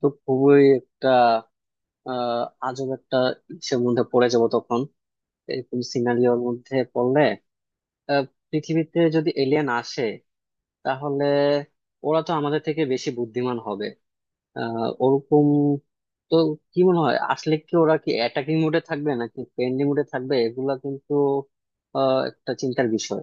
তো খুবই একটা আহ আজব একটা ইসের মধ্যে পড়ে যাবো তখন, এরকম সিনারিওর মধ্যে পড়লে আহ, পৃথিবীতে যদি এলিয়েন আসে তাহলে ওরা তো আমাদের থেকে বেশি বুদ্ধিমান হবে। ওরকম তো কি মনে হয় আসলে, কি ওরা কি অ্যাটাকিং মোডে থাকবে নাকি পেন্ডিং মোডে থাকবে, এগুলা কিন্তু একটা চিন্তার বিষয়।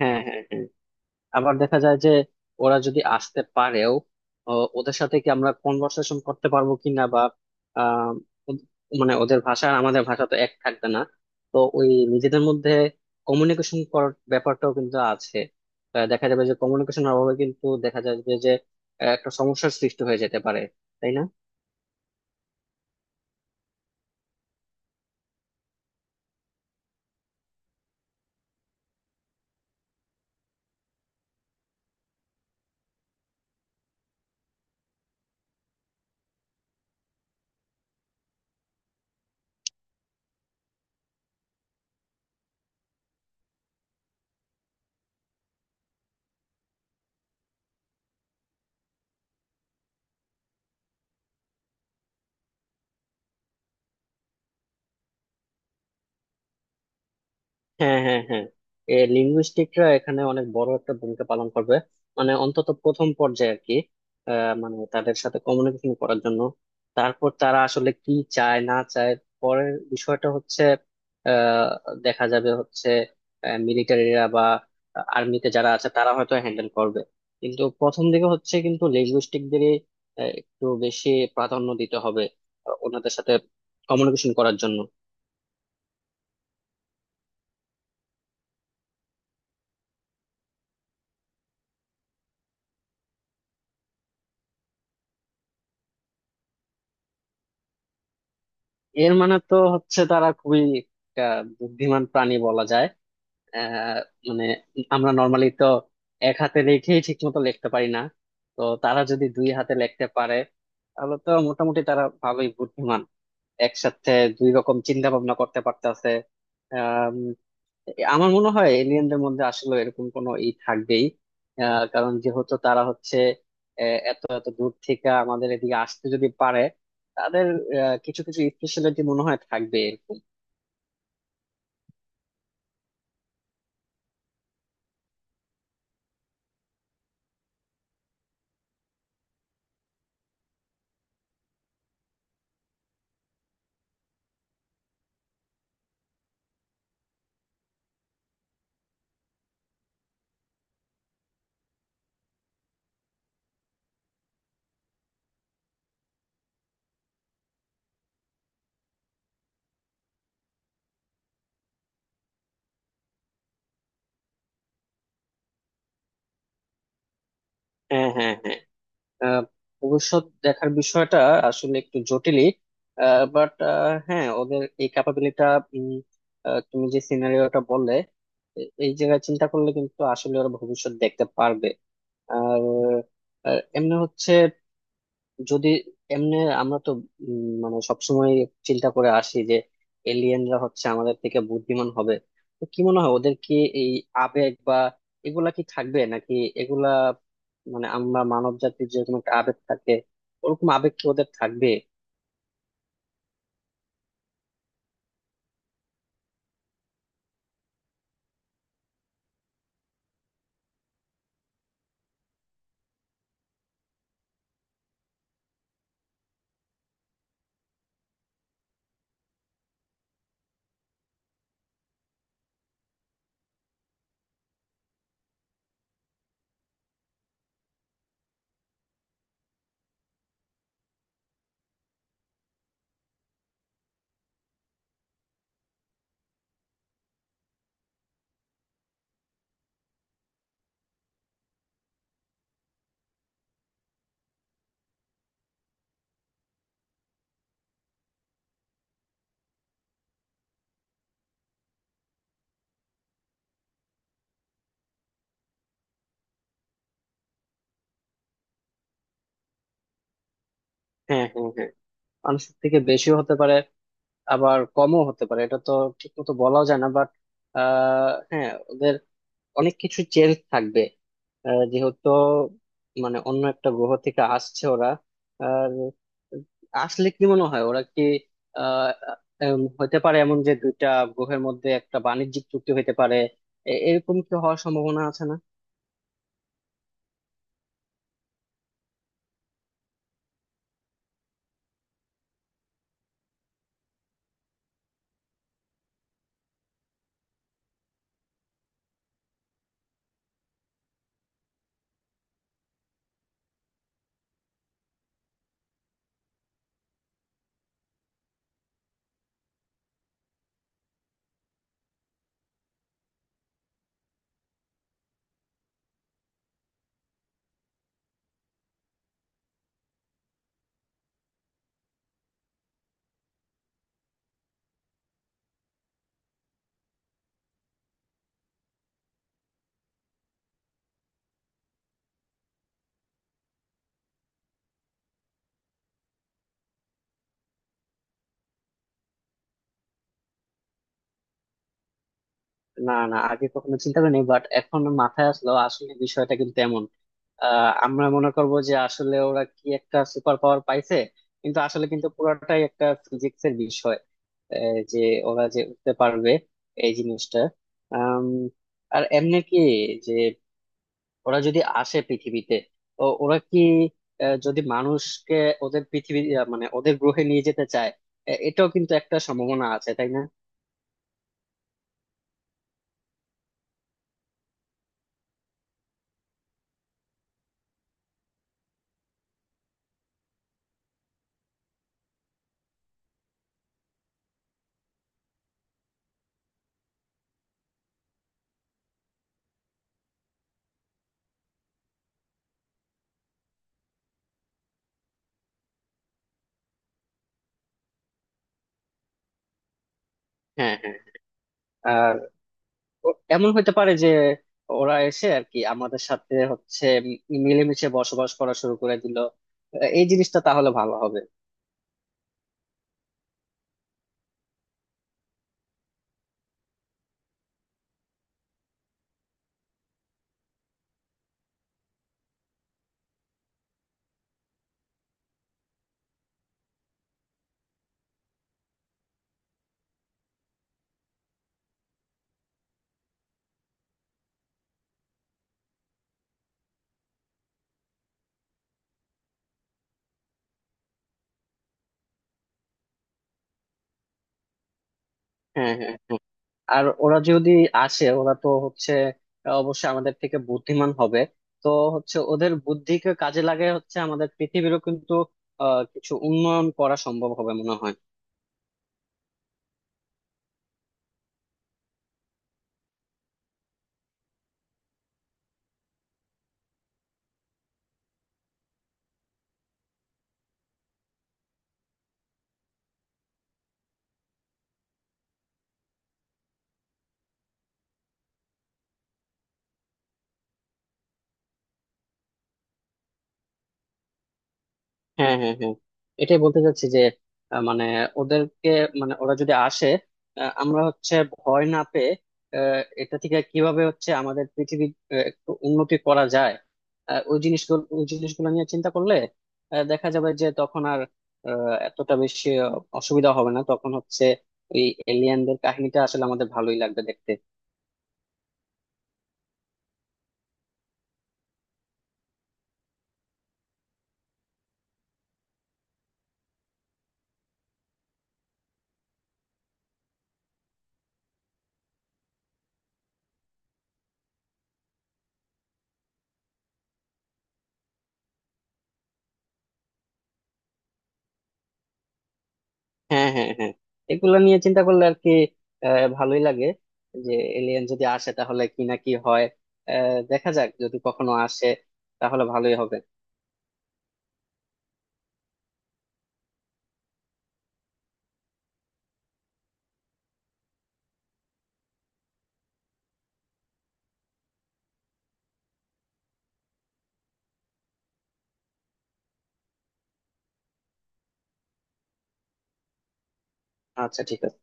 হ্যাঁ, হ্যাঁ, হ্যাঁ। আবার দেখা যায় যে ওরা যদি আসতে পারেও, ও, ওদের সাথে কি আমরা কনভারসেশন করতে পারবো কিনা, বা আহ, ওদ- মানে ওদের ভাষা আর আমাদের ভাষা তো এক থাকবে না। তো ওই নিজেদের মধ্যে কমিউনিকেশন করার ব্যাপারটাও কিন্তু আছে। দেখা যাবে যে কমিউনিকেশনের অভাবে কিন্তু দেখা যাবে যে একটা সমস্যার সৃষ্টি হয়ে যেতে পারে, তাই না? হ্যাঁ, হ্যাঁ, হ্যাঁ। এ লিঙ্গুইস্টিকরা এখানে অনেক বড় একটা ভূমিকা পালন করবে, মানে অন্তত প্রথম পর্যায়ে আর কি। মানে তাদের সাথে কমিউনিকেশন করার জন্য। তারপর তারা আসলে কি চায় না চায়, পরের বিষয়টা হচ্ছে আহ, দেখা যাবে হচ্ছে মিলিটারিরা বা আর্মিতে যারা আছে তারা হয়তো হ্যান্ডেল করবে। কিন্তু প্রথম দিকে হচ্ছে কিন্তু লিঙ্গুইস্টিকদেরই একটু বেশি প্রাধান্য দিতে হবে, ওনাদের সাথে কমিউনিকেশন করার জন্য। এর মানে তো হচ্ছে তারা খুবই একটা বুদ্ধিমান প্রাণী বলা যায়। আহ মানে আমরা নর্মালি তো এক হাতে লিখেই ঠিক মতো লিখতে পারি না। তো তারা যদি দুই হাতে লিখতে পারে তাহলে তো মোটামুটি তারা ভালোই বুদ্ধিমান, একসাথে দুই রকম চিন্তা ভাবনা করতে পারতেছে। আমার মনে হয় এলিয়েনদের মধ্যে আসলে এরকম কোনো ই থাকবেই। কারণ যেহেতু তারা হচ্ছে এত এত দূর থেকে আমাদের এদিকে আসতে যদি পারে, তাদের কিছু কিছু স্পেশালিটি মনে হয় থাকবে এরকম। হ্যাঁ, হ্যাঁ, হ্যাঁ। আহ, ভবিষ্যৎ দেখার বিষয়টা আসলে একটু জটিলই, বাট হ্যাঁ, ওদের এই ক্যাপাবিলিটা, তুমি যে সিনারিওটা বললে এই জায়গায় চিন্তা করলে কিন্তু আসলে ওরা ভবিষ্যৎ দেখতে পারবে। আর এমনি হচ্ছে, যদি এমনি, আমরা তো মানে সবসময় চিন্তা করে আসি যে এলিয়েনরা হচ্ছে আমাদের থেকে বুদ্ধিমান হবে। তো কি মনে হয় ওদের কি এই আবেগ বা এগুলা কি থাকবে নাকি? এগুলা মানে আমরা মানব জাতির যেরকম একটা আবেগ থাকে, ওরকম আবেগ কি ওদের থাকবে? হ্যাঁ, হ্যাঁ, হ্যাঁ। মানুষের থেকে বেশিও হতে পারে, আবার কমও হতে পারে, এটা তো ঠিক মতো বলাও যায় না। বাট হ্যাঁ, ওদের অনেক কিছু চেঞ্জ থাকবে, যেহেতু মানে অন্য একটা গ্রহ থেকে আসছে ওরা। আর আসলে কি মনে হয় ওরা কি আহ হতে পারে এমন যে দুইটা গ্রহের মধ্যে একটা বাণিজ্যিক চুক্তি হতে পারে? এরকম কি হওয়ার সম্ভাবনা আছে না? না, না, আগে কখনো চিন্তা করিনি, বাট এখন মাথায় আসলো, আসলে বিষয়টা কিন্তু এমন। আমরা মনে করবো যে আসলে ওরা কি একটা সুপার পাওয়ার পাইছে, কিন্তু আসলে কিন্তু পুরোটাই একটা ফিজিক্স এর বিষয়। যে ওরা যে উঠতে পারবে এই জিনিসটা। আম, আর এমনি কি, যে ওরা যদি আসে পৃথিবীতে, তো ওরা কি যদি মানুষকে ওদের পৃথিবী মানে ওদের গ্রহে নিয়ে যেতে চায়, এটাও কিন্তু একটা সম্ভাবনা আছে, তাই না? হ্যাঁ, হ্যাঁ। আর এমন হতে পারে যে ওরা এসে আর কি আমাদের সাথে হচ্ছে মিলেমিশে বসবাস করা শুরু করে দিল। এই জিনিসটা তাহলে ভালো হবে। হ্যাঁ, হ্যাঁ, হ্যাঁ। আর ওরা যদি আসে, ওরা তো হচ্ছে অবশ্যই আমাদের থেকে বুদ্ধিমান হবে। তো হচ্ছে ওদের বুদ্ধিকে কাজে লাগিয়ে হচ্ছে আমাদের পৃথিবীরও কিন্তু কিছু উন্নয়ন করা সম্ভব হবে মনে হয়। হ্যাঁ, হ্যাঁ, হ্যাঁ। এটাই বলতে চাচ্ছি যে মানে ওদেরকে, মানে ওরা যদি আসে, আমরা হচ্ছে ভয় না পেয়ে এটা থেকে কিভাবে হচ্ছে আমাদের পৃথিবী একটু উন্নতি করা যায়, ওই জিনিসগুলো ওই জিনিসগুলো নিয়ে চিন্তা করলে দেখা যাবে যে তখন আর এতটা বেশি অসুবিধা হবে না। তখন হচ্ছে এই এলিয়েনদের কাহিনীটা আসলে আমাদের ভালোই লাগবে দেখতে। হ্যাঁ, হ্যাঁ, হ্যাঁ। এগুলো নিয়ে চিন্তা করলে আর কি ভালোই লাগে যে এলিয়েন যদি আসে তাহলে কি না কি হয়। দেখা যাক, যদি কখনো আসে তাহলে ভালোই হবে। আচ্ছা, ঠিক আছে।